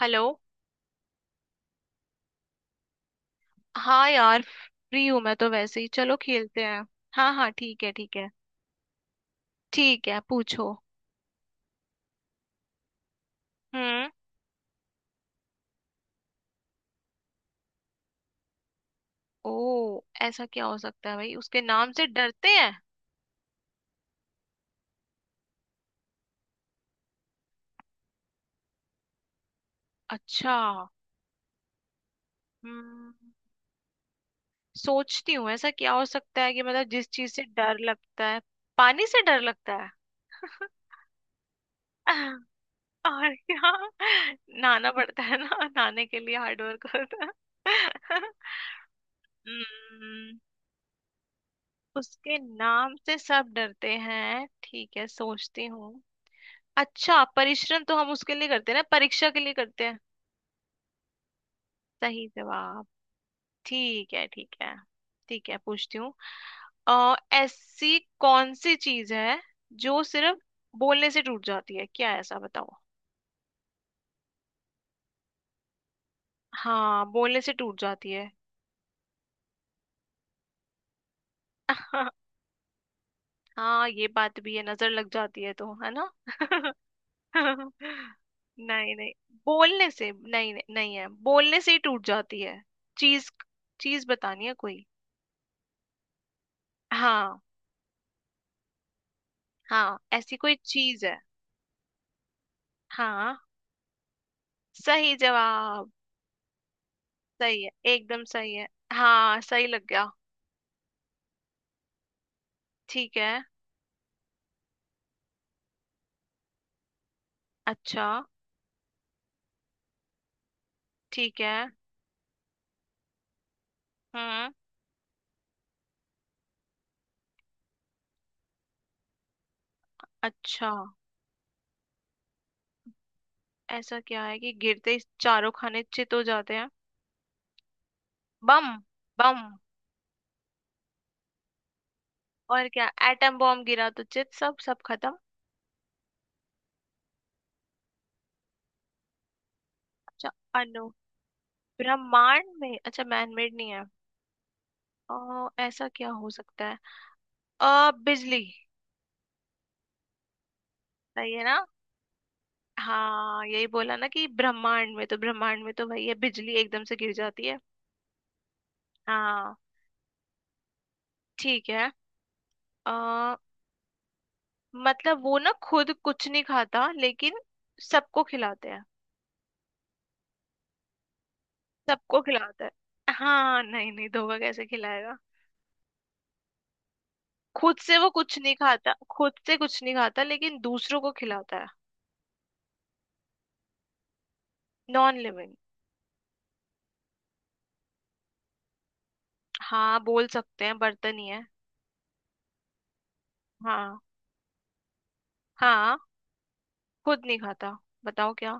Hello. हाँ यार, free हूँ मैं तो वैसे ही, चलो खेलते हैं। हाँ हाँ, ठीक है ठीक है। ठीक है, पूछो। हम्म। ओ ऐसा क्या हो सकता है भाई, उसके नाम से डरते हैं? अच्छा। हम्म, सोचती हूँ ऐसा क्या हो सकता है कि मतलब जिस चीज से डर लगता है। पानी से डर लगता है। और क्या, नहाना पड़ता है ना, नहाने के लिए हार्ड वर्क होता है। हम्म, उसके नाम से सब डरते हैं, ठीक है सोचती हूँ। अच्छा, परिश्रम तो हम उसके लिए करते हैं ना, परीक्षा के लिए करते हैं। सही जवाब। ठीक है ठीक है। ठीक है, पूछती हूँ। ऐसी कौन सी चीज है जो सिर्फ बोलने से टूट जाती है, क्या है ऐसा बताओ। हाँ बोलने से टूट जाती है। हाँ ये बात भी है, नजर लग जाती है तो, है ना। नहीं नहीं, बोलने से नहीं, नहीं है, बोलने से ही टूट जाती है चीज। चीज बतानी है कोई। हाँ। हाँ ऐसी कोई चीज है। हाँ, सही जवाब। सही है, एकदम सही है। हाँ सही लग गया। ठीक है। अच्छा। ठीक है। हम्म। अच्छा, ऐसा क्या है कि गिरते ही चारों खाने चित हो जाते हैं? बम। बम। और क्या, एटम बॉम्ब गिरा तो चित, सब सब खत्म। अच्छा। अनु, ब्रह्मांड में। अच्छा, मैन मेड नहीं है। ऐसा क्या हो सकता है? बिजली। सही है ना। हाँ यही बोला ना कि ब्रह्मांड में, तो ब्रह्मांड में तो वही है, बिजली एकदम से गिर जाती है। हाँ। ठीक है। आ, मतलब वो ना खुद कुछ नहीं खाता लेकिन सबको खिलाते हैं। सबको खिलाता है। हाँ नहीं नहीं, धोखा कैसे खिलाएगा। खुद से वो कुछ नहीं खाता, खुद से कुछ नहीं खाता लेकिन दूसरों को खिलाता है। Non living. हाँ, बोल सकते हैं बर्तन ही है। हाँ। हाँ। खुद नहीं खाता। बताओ क्या।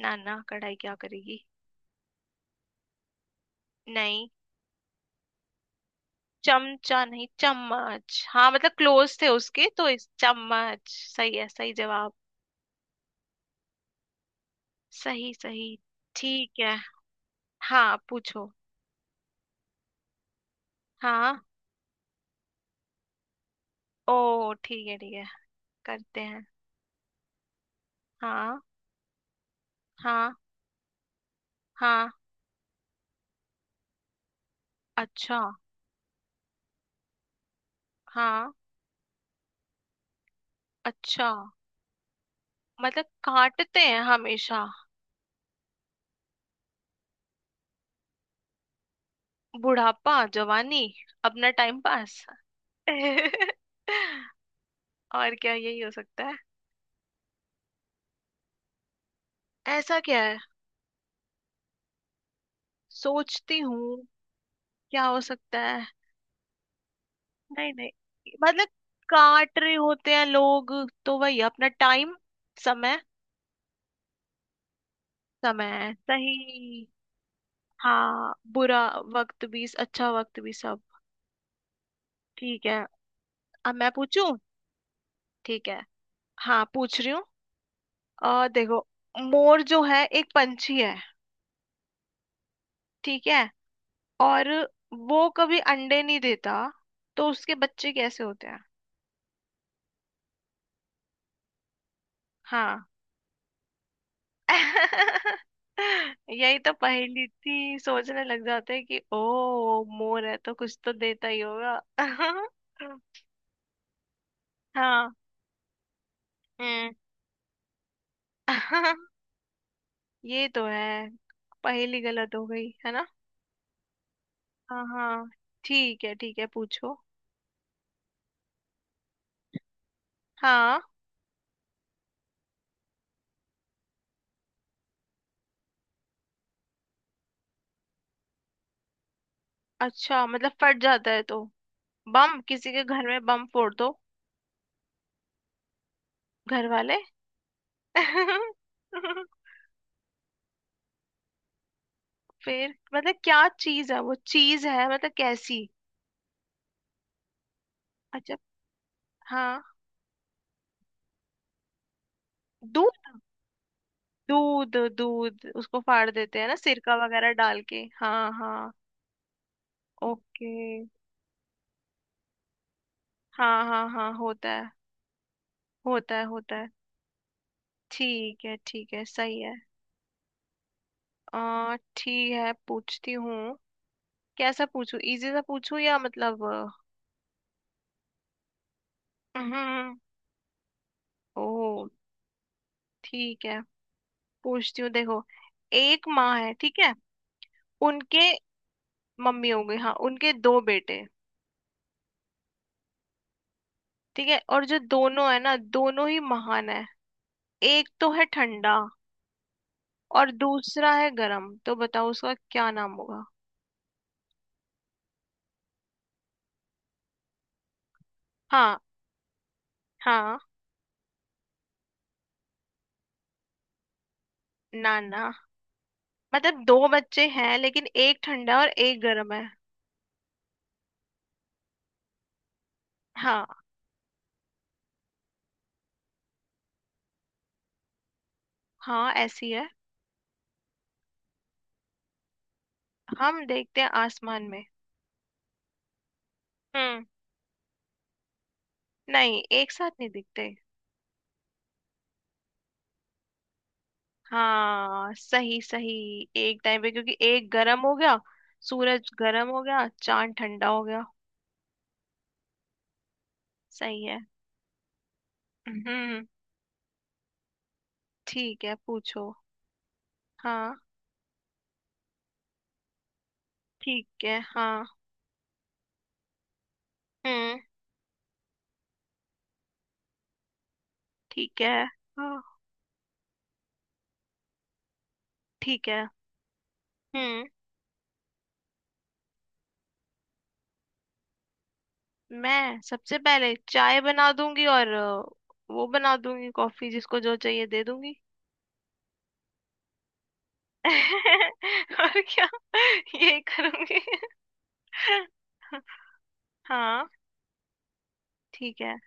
ना ना, कढ़ाई क्या करेगी। नहीं। चमचा नहीं, चम्मच हाँ, मतलब क्लोज थे उसके तो, इस चम्मच। सही है, सही जवाब। सही सही। ठीक है। हाँ पूछो। हाँ। ओ ठीक है ठीक है, करते हैं। हाँ। हाँ। हाँ। अच्छा। हाँ। अच्छा, मतलब काटते हैं हमेशा। बुढ़ापा, जवानी, अपना टाइम पास। और क्या, यही हो सकता है। ऐसा क्या है। सोचती हूँ क्या हो सकता है। नहीं नहीं, मतलब काट रहे होते हैं लोग तो वही, अपना टाइम, समय। समय सही। हाँ, बुरा वक्त भी अच्छा वक्त भी, सब। ठीक है। अब मैं पूछूं। ठीक है। हाँ पूछ रही हूँ और देखो, मोर जो है एक पंछी है, ठीक है, और वो कभी अंडे नहीं देता, तो उसके बच्चे कैसे होते हैं। हाँ। यही तो पहेली थी, सोचने लग जाते हैं कि ओ मोर है तो कुछ तो देता ही होगा। हाँ। हम्म। ये तो है। पहेली गलत हो गई है ना। हाँ हाँ, ठीक है पूछो। हाँ। अच्छा, मतलब फट जाता है तो, बम, किसी के घर में बम फोड़ दो। घर वाले। फिर मतलब क्या चीज है, वो चीज है, मतलब कैसी। अच्छा। हाँ। दूध दूध दूध, उसको फाड़ देते हैं ना सिरका वगैरह डाल के, हाँ हाँ। ओके, हाँ हाँ हाँ होता है, होता है होता है। ठीक है ठीक है, सही है। आ ठीक है, पूछती हूँ। कैसा पूछूं, इजी सा पूछूं या मतलब। अ, हम्म ओ ठीक है, पूछती हूँ देखो, एक माँ है, ठीक है, उनके। मम्मी हो गई हाँ, उनके दो बेटे, ठीक है, और जो दोनों है ना दोनों ही महान है, एक तो है ठंडा और दूसरा है गरम, तो बताओ उसका क्या नाम होगा। हाँ। हाँ। नाना। मतलब दो बच्चे हैं लेकिन एक ठंडा और एक गर्म है। हाँ। हाँ ऐसी है। हम देखते हैं आसमान में। हम्म। नहीं एक साथ नहीं दिखते। हाँ सही सही। एक टाइम पे, क्योंकि एक गर्म हो गया, सूरज गर्म हो गया, चांद ठंडा हो गया। सही है। हम्म। ठीक है पूछो। हाँ। ठीक है हाँ। हम्म। ठीक है। हाँ। ठीक है। हम्म। मैं सबसे पहले चाय बना दूंगी और वो बना दूंगी कॉफी, जिसको जो चाहिए दे दूंगी। और क्या, यही करूंगी। हाँ। ठीक है।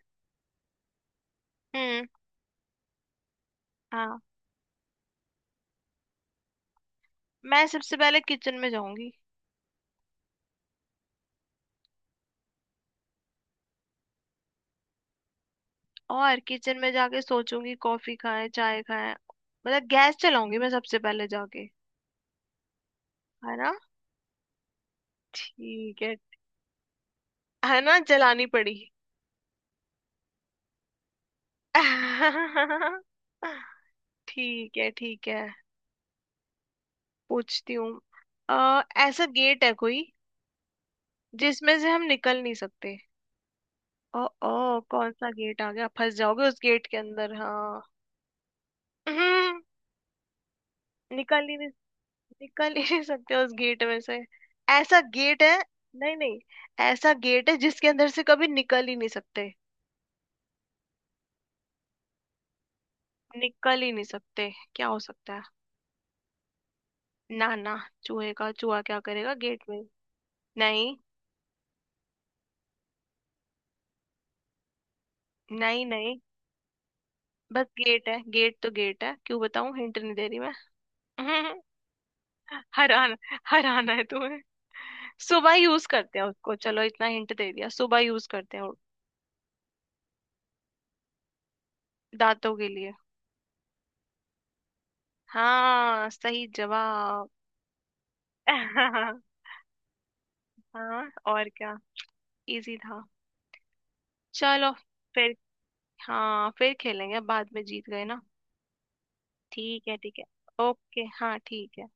हम्म। हाँ, मैं सबसे पहले किचन में जाऊंगी और किचन में जाके सोचूंगी कॉफी खाएं चाय खाएं, मतलब गैस चलाऊंगी मैं सबसे पहले जाके। है ना। ठीक है ना, जलानी पड़ी। ठीक है ठीक है, पूछती हूँ। ऐसा गेट है कोई जिसमें से हम निकल नहीं सकते। ओ, ओ कौन सा गेट आ गया, फंस जाओगे उस गेट के अंदर, हाँ। हम्म, निकल ही नहीं, निकल ही नहीं सकते उस गेट में से, ऐसा गेट है। नहीं नहीं, ऐसा गेट है जिसके अंदर से कभी निकल ही नहीं सकते। निकल ही नहीं सकते। क्या हो सकता है। ना ना, चूहे का, चूहा क्या करेगा गेट में। नहीं नहीं नहीं। बस गेट है, गेट तो गेट है, क्यों बताऊं हिंट नहीं दे रही मैं। हराना, हराना है तुम्हें। सुबह यूज करते हैं उसको, चलो इतना हिंट दे दिया, सुबह यूज करते हैं। दांतों के लिए। हाँ सही जवाब। हाँ और क्या, इजी था। चलो फिर। हाँ फिर खेलेंगे बाद में, जीत गए ना। ठीक है ठीक है। ओके हाँ, ठीक है।